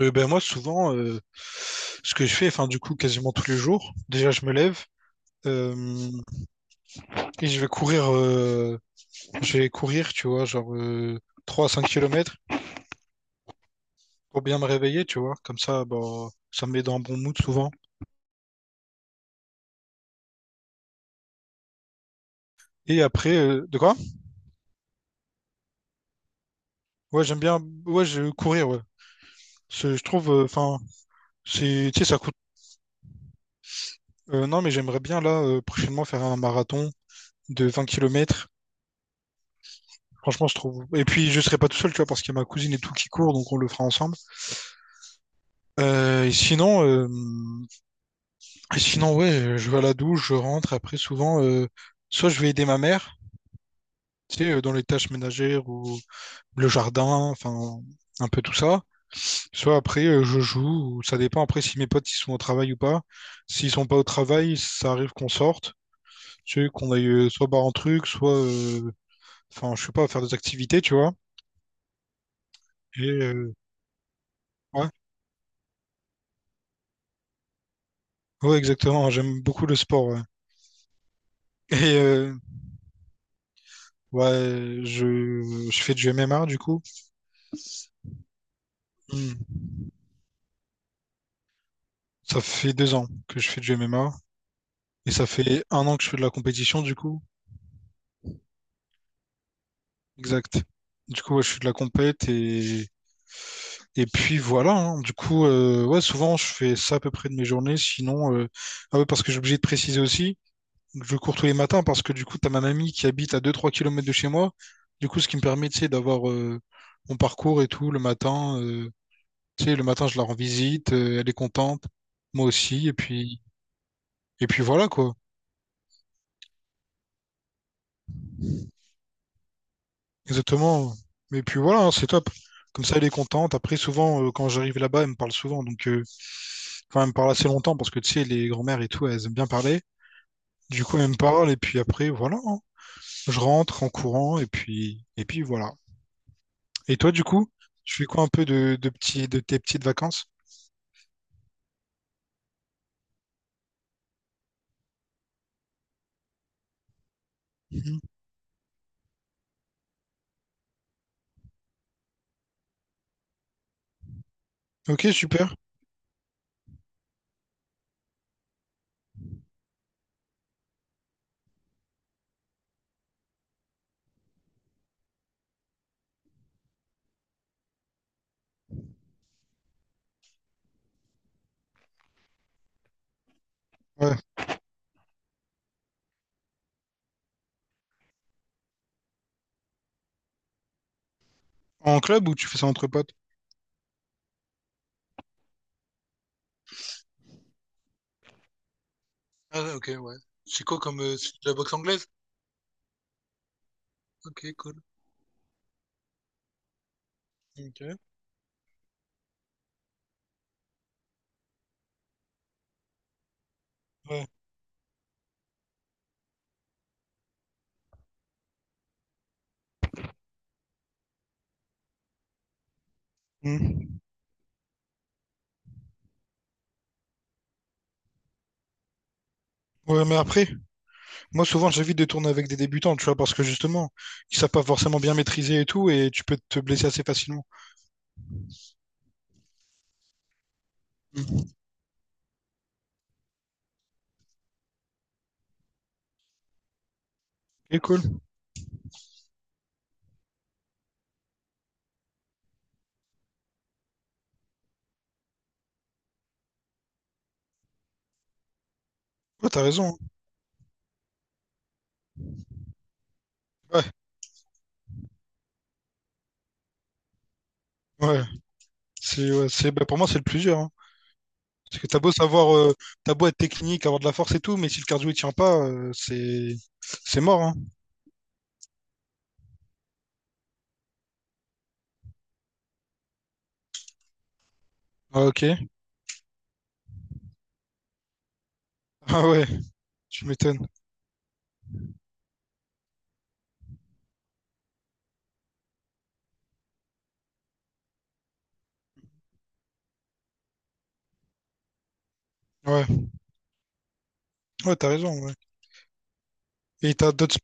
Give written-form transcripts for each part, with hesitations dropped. Ben moi, souvent, ce que je fais, enfin, du coup, quasiment tous les jours, déjà, je me lève euh, et je vais courir, tu vois, genre 3 à 5 kilomètres pour bien me réveiller, tu vois. Comme ça, bah, ça me met dans un bon mood souvent. Et après, de quoi? Ouais, j'aime bien, ouais, je courir, ouais. Je trouve, enfin, c'est, tu sais, ça coûte. Non, mais j'aimerais bien, là, prochainement, faire un marathon de 20 kilomètres. Franchement, je trouve. Et puis, je serai pas tout seul, tu vois, parce qu'il y a ma cousine et tout qui court, donc on le fera ensemble. Euh, et sinon, euh, et sinon, ouais, je vais à la douche, je rentre. Après, souvent, soit je vais aider ma mère, tu sais, dans les tâches ménagères ou le jardin, enfin, un peu tout ça. Soit après, je joue, ou ça dépend après si mes potes ils sont au travail ou pas. S'ils sont pas au travail, ça arrive qu'on sorte, tu sais, qu'on aille soit boire un truc, soit enfin, je sais pas, faire des activités, tu vois. Et euh, ouais, ouais, exactement. J'aime beaucoup le sport, ouais. Et euh, ouais, je fais du MMA du coup. Hmm. Ça fait 2 ans que je fais du MMA et ça fait 1 an que je fais de la compétition du coup. Exact. Du coup, ouais, je fais de la compète et puis voilà, hein. Du coup, ouais, souvent je fais ça à peu près de mes journées. Sinon, ah ouais, parce que j'ai obligé de préciser aussi, je cours tous les matins parce que du coup, t'as ma mamie qui habite à 2-3 km de chez moi. Du coup, ce qui me permet, tu sais, d'avoir mon parcours et tout le matin. Tu sais, le matin, je la rends visite, elle est contente, moi aussi. Et puis voilà quoi. Exactement. Mais puis voilà, hein, c'est top. Comme ça, elle est contente. Après, souvent, quand j'arrive là-bas, elle me parle souvent. Donc, enfin, elle me parle assez longtemps parce que tu sais, les grand-mères et tout, elles aiment bien parler. Du coup, elle me parle et puis après, voilà, hein. Je rentre en courant et puis voilà. Et toi, du coup, tu fais quoi un peu de petits, de tes petites vacances? Mhm. Ok, super. Ouais. En club ou tu fais ça entre potes? Ah, ok, ouais. C'est quoi comme. C'est de la boxe anglaise? Ok, cool. Ok. Ouais. Mhm. Ouais, mais après, moi, souvent, j'évite de tourner avec des débutants, tu vois, parce que justement, ils savent pas forcément bien maîtriser et tout, et tu peux te blesser assez facilement. Mhm. Et cool. Ouais, t'as raison, hein. Ouais, ouais. C'est, ouais, c'est, bah, pour moi, c'est le plusieurs, hein. Parce que t'as beau savoir, t'as beau être technique, avoir de la force et tout, mais si le cardio il tient pas, c'est mort, hein. Ah, ok. Ah ouais, tu m'étonnes. Ouais, ouais, t'as raison. Ouais. Et t'as d'autres.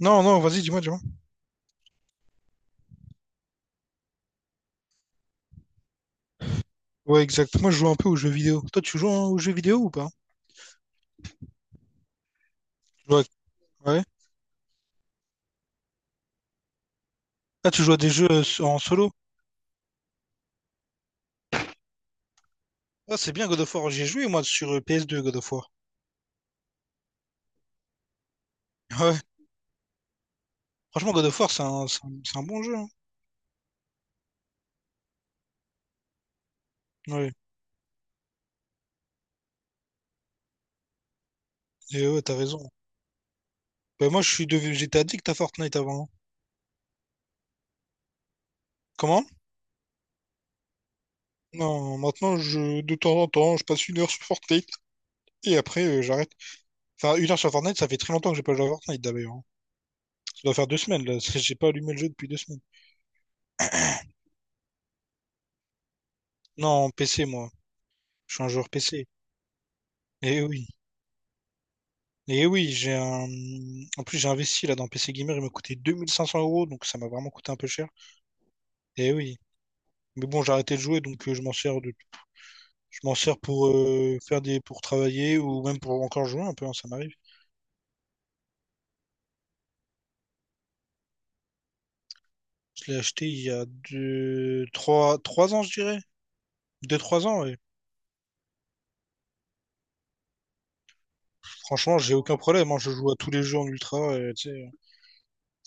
Non, non, vas-y, dis-moi, dis-moi. Ouais, exact. Moi, je joue un peu aux jeux vidéo. Toi, tu joues hein, aux jeux vidéo ou pas? Tu joues à- Ouais. Ah, tu joues à des jeux en solo. Ah, c'est bien God of War. J'ai joué moi sur PS2 God of War. Ouais. Franchement, God of War, c'est un, c'est un, c'est un bon jeu, hein. Ouais. Et ouais, t'as raison. Bah, moi, je suis devenu, j'étais addict à Fortnite avant, hein. Comment? Non, maintenant, je, de temps en temps, je passe une heure sur Fortnite et après, j'arrête. Enfin, une heure sur Fortnite, ça fait très longtemps que j'ai pas joué à Fortnite d'ailleurs, hein. Ça doit faire 2 semaines là, parce que j'ai pas allumé le jeu depuis 2 semaines. Non, PC, moi. Je suis un joueur PC. Et oui. Et oui, j'ai un. En plus, j'ai investi là dans PC Gamer. Il m'a coûté 2500 euros, donc ça m'a vraiment coûté un peu cher. Et oui. Mais bon, j'ai arrêté de jouer, donc je m'en sers de... je m'en sers pour faire des pour travailler ou même pour encore jouer un peu, hein, ça m'arrive. Je l'ai acheté il y a deux, trois, trois ans, je dirais. Deux, trois ans, et franchement, j'ai aucun problème, hein. Je joue à tous les jeux en ultra, et, tu sais, hein.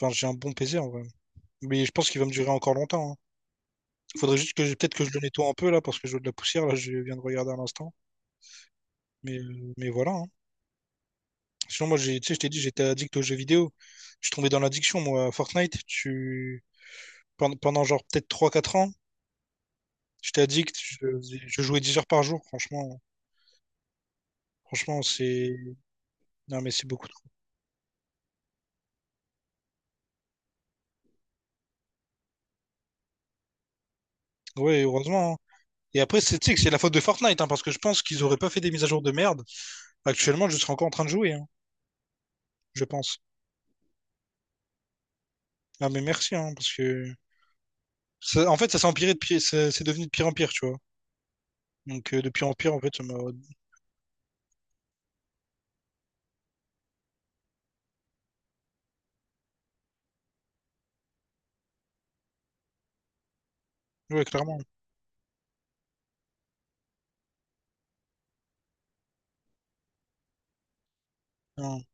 Enfin, j'ai un bon PC en vrai. Mais je pense qu'il va me durer encore longtemps, hein. Faudrait juste que je... peut-être que je le nettoie un peu là, parce que je vois de la poussière, là, je viens de regarder à l'instant. Mais voilà, hein. Sinon, moi, j'ai, tu sais, je t'ai dit, j'étais addict aux jeux vidéo. Je suis tombé dans l'addiction, moi, à Fortnite. Tu... Pendant, pendant genre peut-être trois quatre ans, j'étais addict, je jouais 10 heures par jour, franchement. Franchement, c'est. Non, mais c'est beaucoup trop. Ouais, heureusement, hein. Et après, c'est tu sais que c'est la faute de Fortnite, hein, parce que je pense qu'ils auraient pas fait des mises à jour de merde. Actuellement, je serais encore en train de jouer, hein, je pense. Ah, mais merci, hein, parce que. Ça- En fait, ça s'est empiré de pire... ça- C'est devenu de pire en pire, tu vois. Donc, de pire en pire, en fait, ça m'a. Ouais, clairement. Non.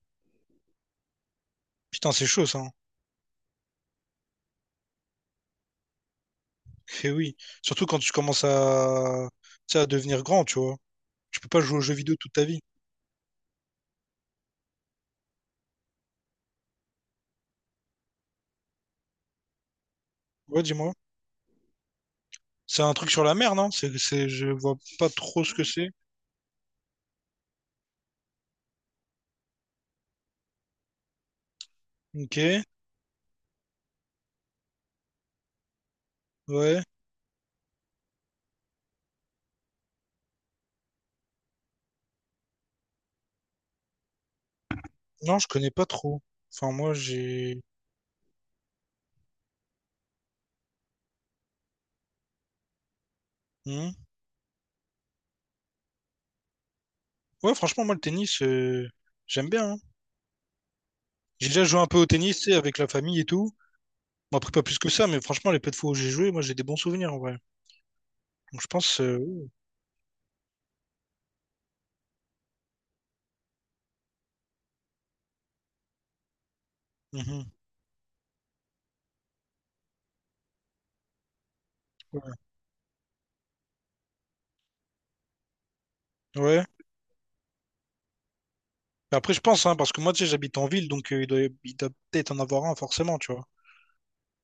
Putain, c'est chaud, ça, hein. Eh oui. Surtout quand tu commences à. Tu sais, à devenir grand, tu vois. Tu peux pas jouer aux jeux vidéo toute ta vie. Ouais, dis-moi. C'est un truc sur la mer, non? C'est, je vois pas trop ce que c'est. Ok, ouais. Non, je connais pas trop. Enfin, moi, j'ai. Hmm. Ouais, franchement, moi, le tennis, j'aime bien, hein. J'ai déjà joué un peu au tennis, tu sais, avec la famille et tout. Bon, après, pas plus que ça, mais franchement, les peu de fois où j'ai joué, moi, j'ai des bons souvenirs, en vrai. Donc, je pense. Mhm. Ouais. Ouais. Mais après, je pense, hein, parce que moi, tu sais, j'habite en ville, donc il doit peut-être en avoir un, forcément, tu vois.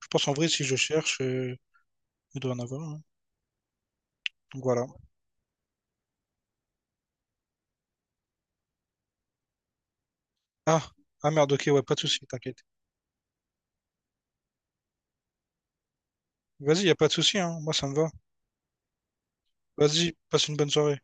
Je pense, en vrai, si je cherche, il doit en avoir un. Donc, voilà. Ah, ah merde, ok, ouais, pas de souci, t'inquiète. Vas-y, y a pas de souci, hein. Moi, ça me va. Vas-y, passe une bonne soirée.